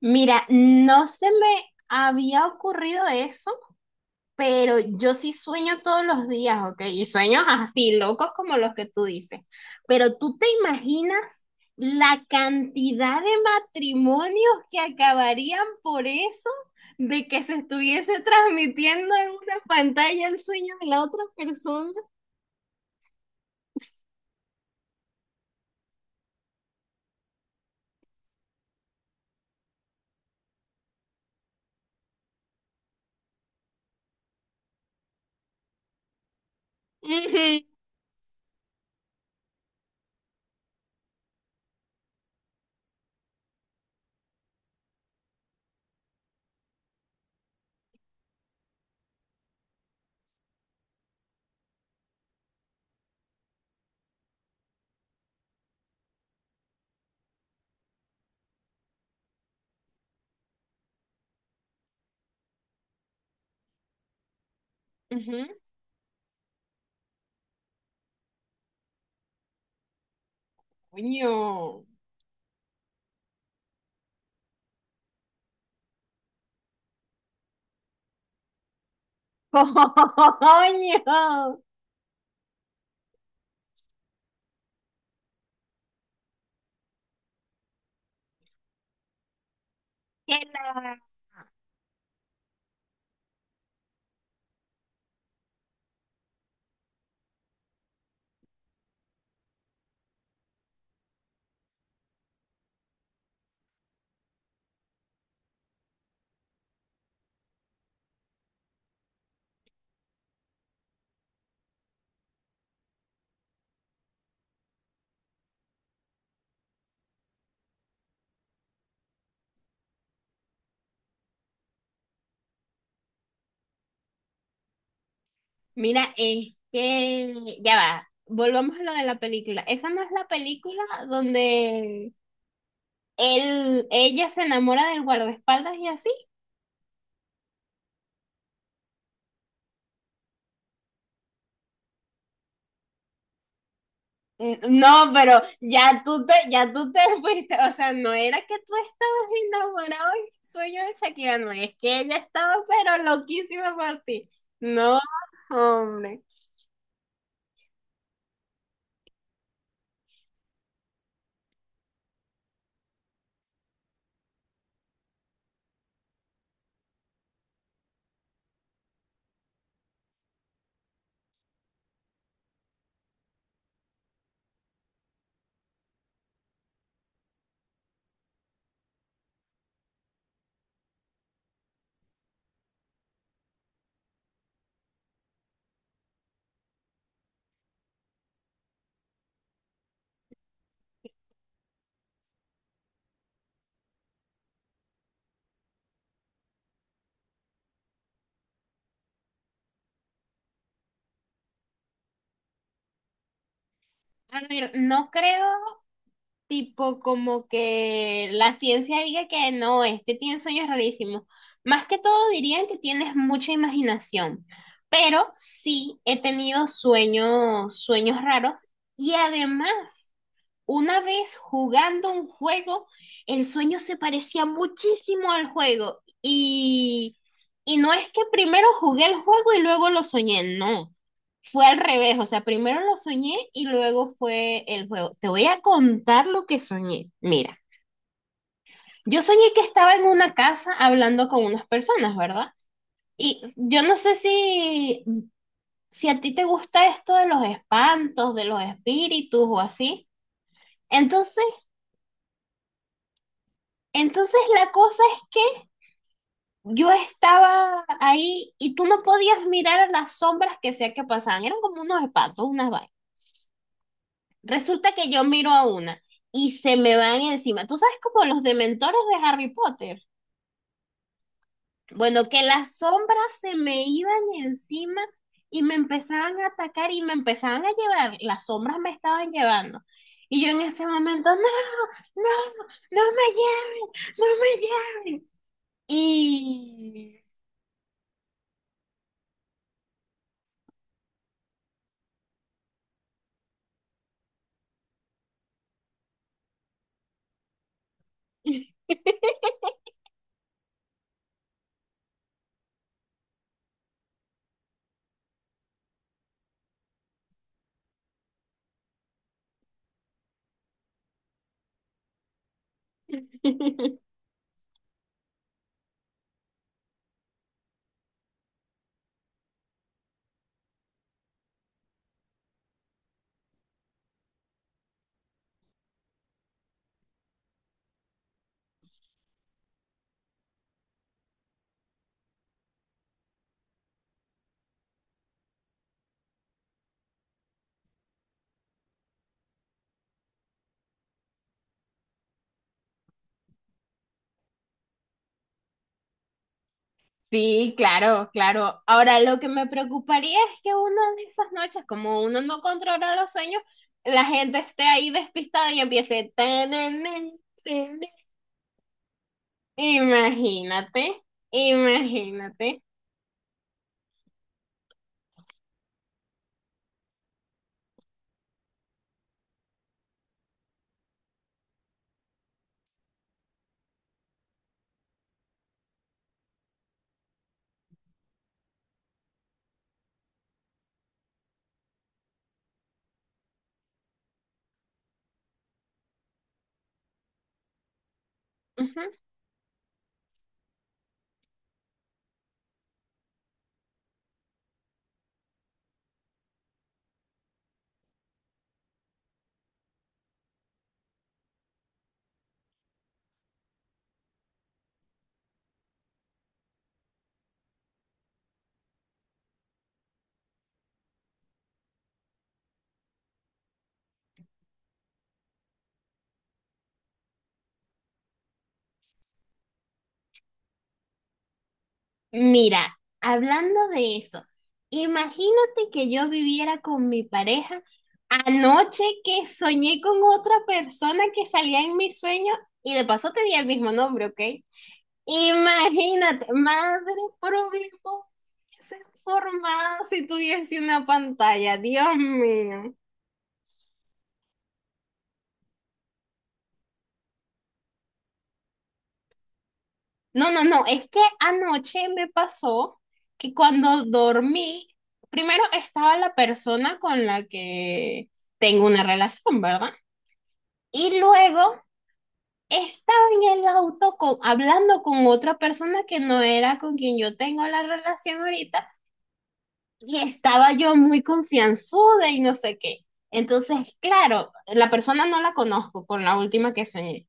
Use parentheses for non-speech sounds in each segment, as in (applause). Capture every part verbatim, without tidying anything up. Mira, no se me había ocurrido eso, pero yo sí sueño todos los días, ¿ok? Y sueños así, locos como los que tú dices. Pero tú te imaginas la cantidad de matrimonios que acabarían por eso, de que se estuviese transmitiendo en una pantalla el sueño de la otra persona. Ujú, ujú. Coño, (laughs) coño, que la- Mira, es que ya va, volvamos a lo de la película. Esa no es la película donde él, ella se enamora del guardaespaldas y así. Mm, no, pero ya tú te, ya tú te (laughs) fuiste. O sea, no era que tú estabas enamorado en el sueño de Shakira, no, es que ella estaba pero loquísima por ti. No, hombre. A ver, no creo. Tipo como que la ciencia diga que no, este tiene sueños rarísimos. Más que todo dirían que tienes mucha imaginación, pero sí he tenido sueños, sueños raros y además una vez jugando un juego, el sueño se parecía muchísimo al juego y, y no es que primero jugué el juego y luego lo soñé, no, fue al revés, o sea, primero lo soñé y luego fue el juego. Te voy a contar lo que soñé. Mira, yo soñé que estaba en una casa hablando con unas personas, ¿verdad? Y yo no sé si, si a ti te gusta esto de los espantos, de los espíritus o así. Entonces, entonces la cosa es que yo estaba ahí y tú no podías mirar a las sombras que sea que pasaban. Eran como unos patos, unas vainas. Resulta que yo miro a una y se me van encima. ¿Tú sabes como los dementores de Harry Potter? Bueno, que las sombras se me iban encima y me empezaban a atacar y me empezaban a llevar. Las sombras me estaban llevando. Y yo en ese momento, no, no, no me lleven, no me lleven. Y... (laughs) Sí, claro, claro. Ahora, lo que me preocuparía es que una de esas noches, como uno no controla los sueños, la gente esté ahí despistada y empiece... "Tanana, tanana". Imagínate, imagínate. Ujú. Mira, hablando de eso, imagínate que yo viviera con mi pareja, anoche que soñé con otra persona que salía en mis sueños y de paso tenía el mismo nombre, ¿ok? Imagínate, madre problema que se formaba si tuviese una pantalla, Dios mío. No, no, no, es que anoche me pasó que cuando dormí, primero estaba la persona con la que tengo una relación, ¿verdad? Y luego estaba en el auto con, hablando con otra persona que no era con quien yo tengo la relación ahorita. Y estaba yo muy confianzuda y no sé qué. Entonces, claro, la persona no la conozco, con la última que soñé.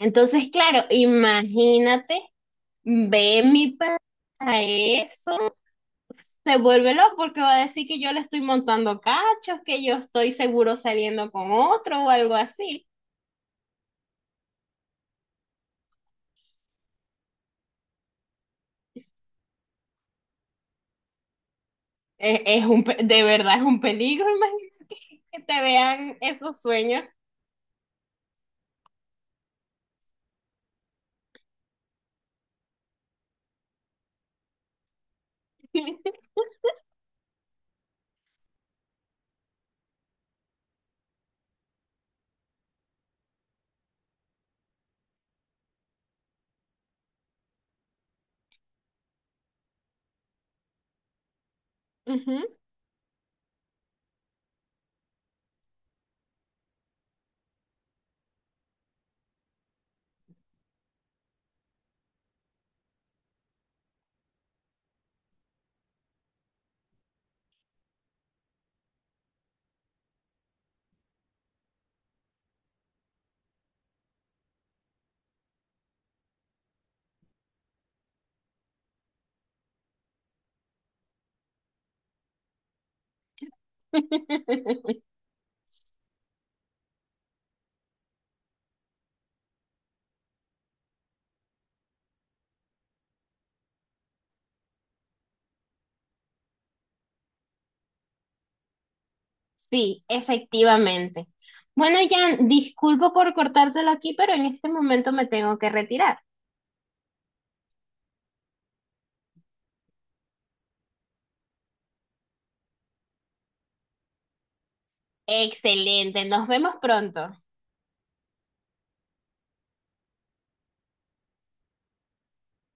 Entonces, claro, imagínate, ve mi pa- a eso, se vuelve loco porque va a decir que yo le estoy montando cachos, que yo estoy seguro saliendo con otro o algo así. Es, es un, pe- de verdad es un peligro, (laughs) imagínate que te vean esos sueños. (laughs) Ujú. (laughs) Sí, efectivamente. Bueno, Jan, disculpo por cortártelo aquí, pero en este momento me tengo que retirar. Excelente, nos vemos pronto.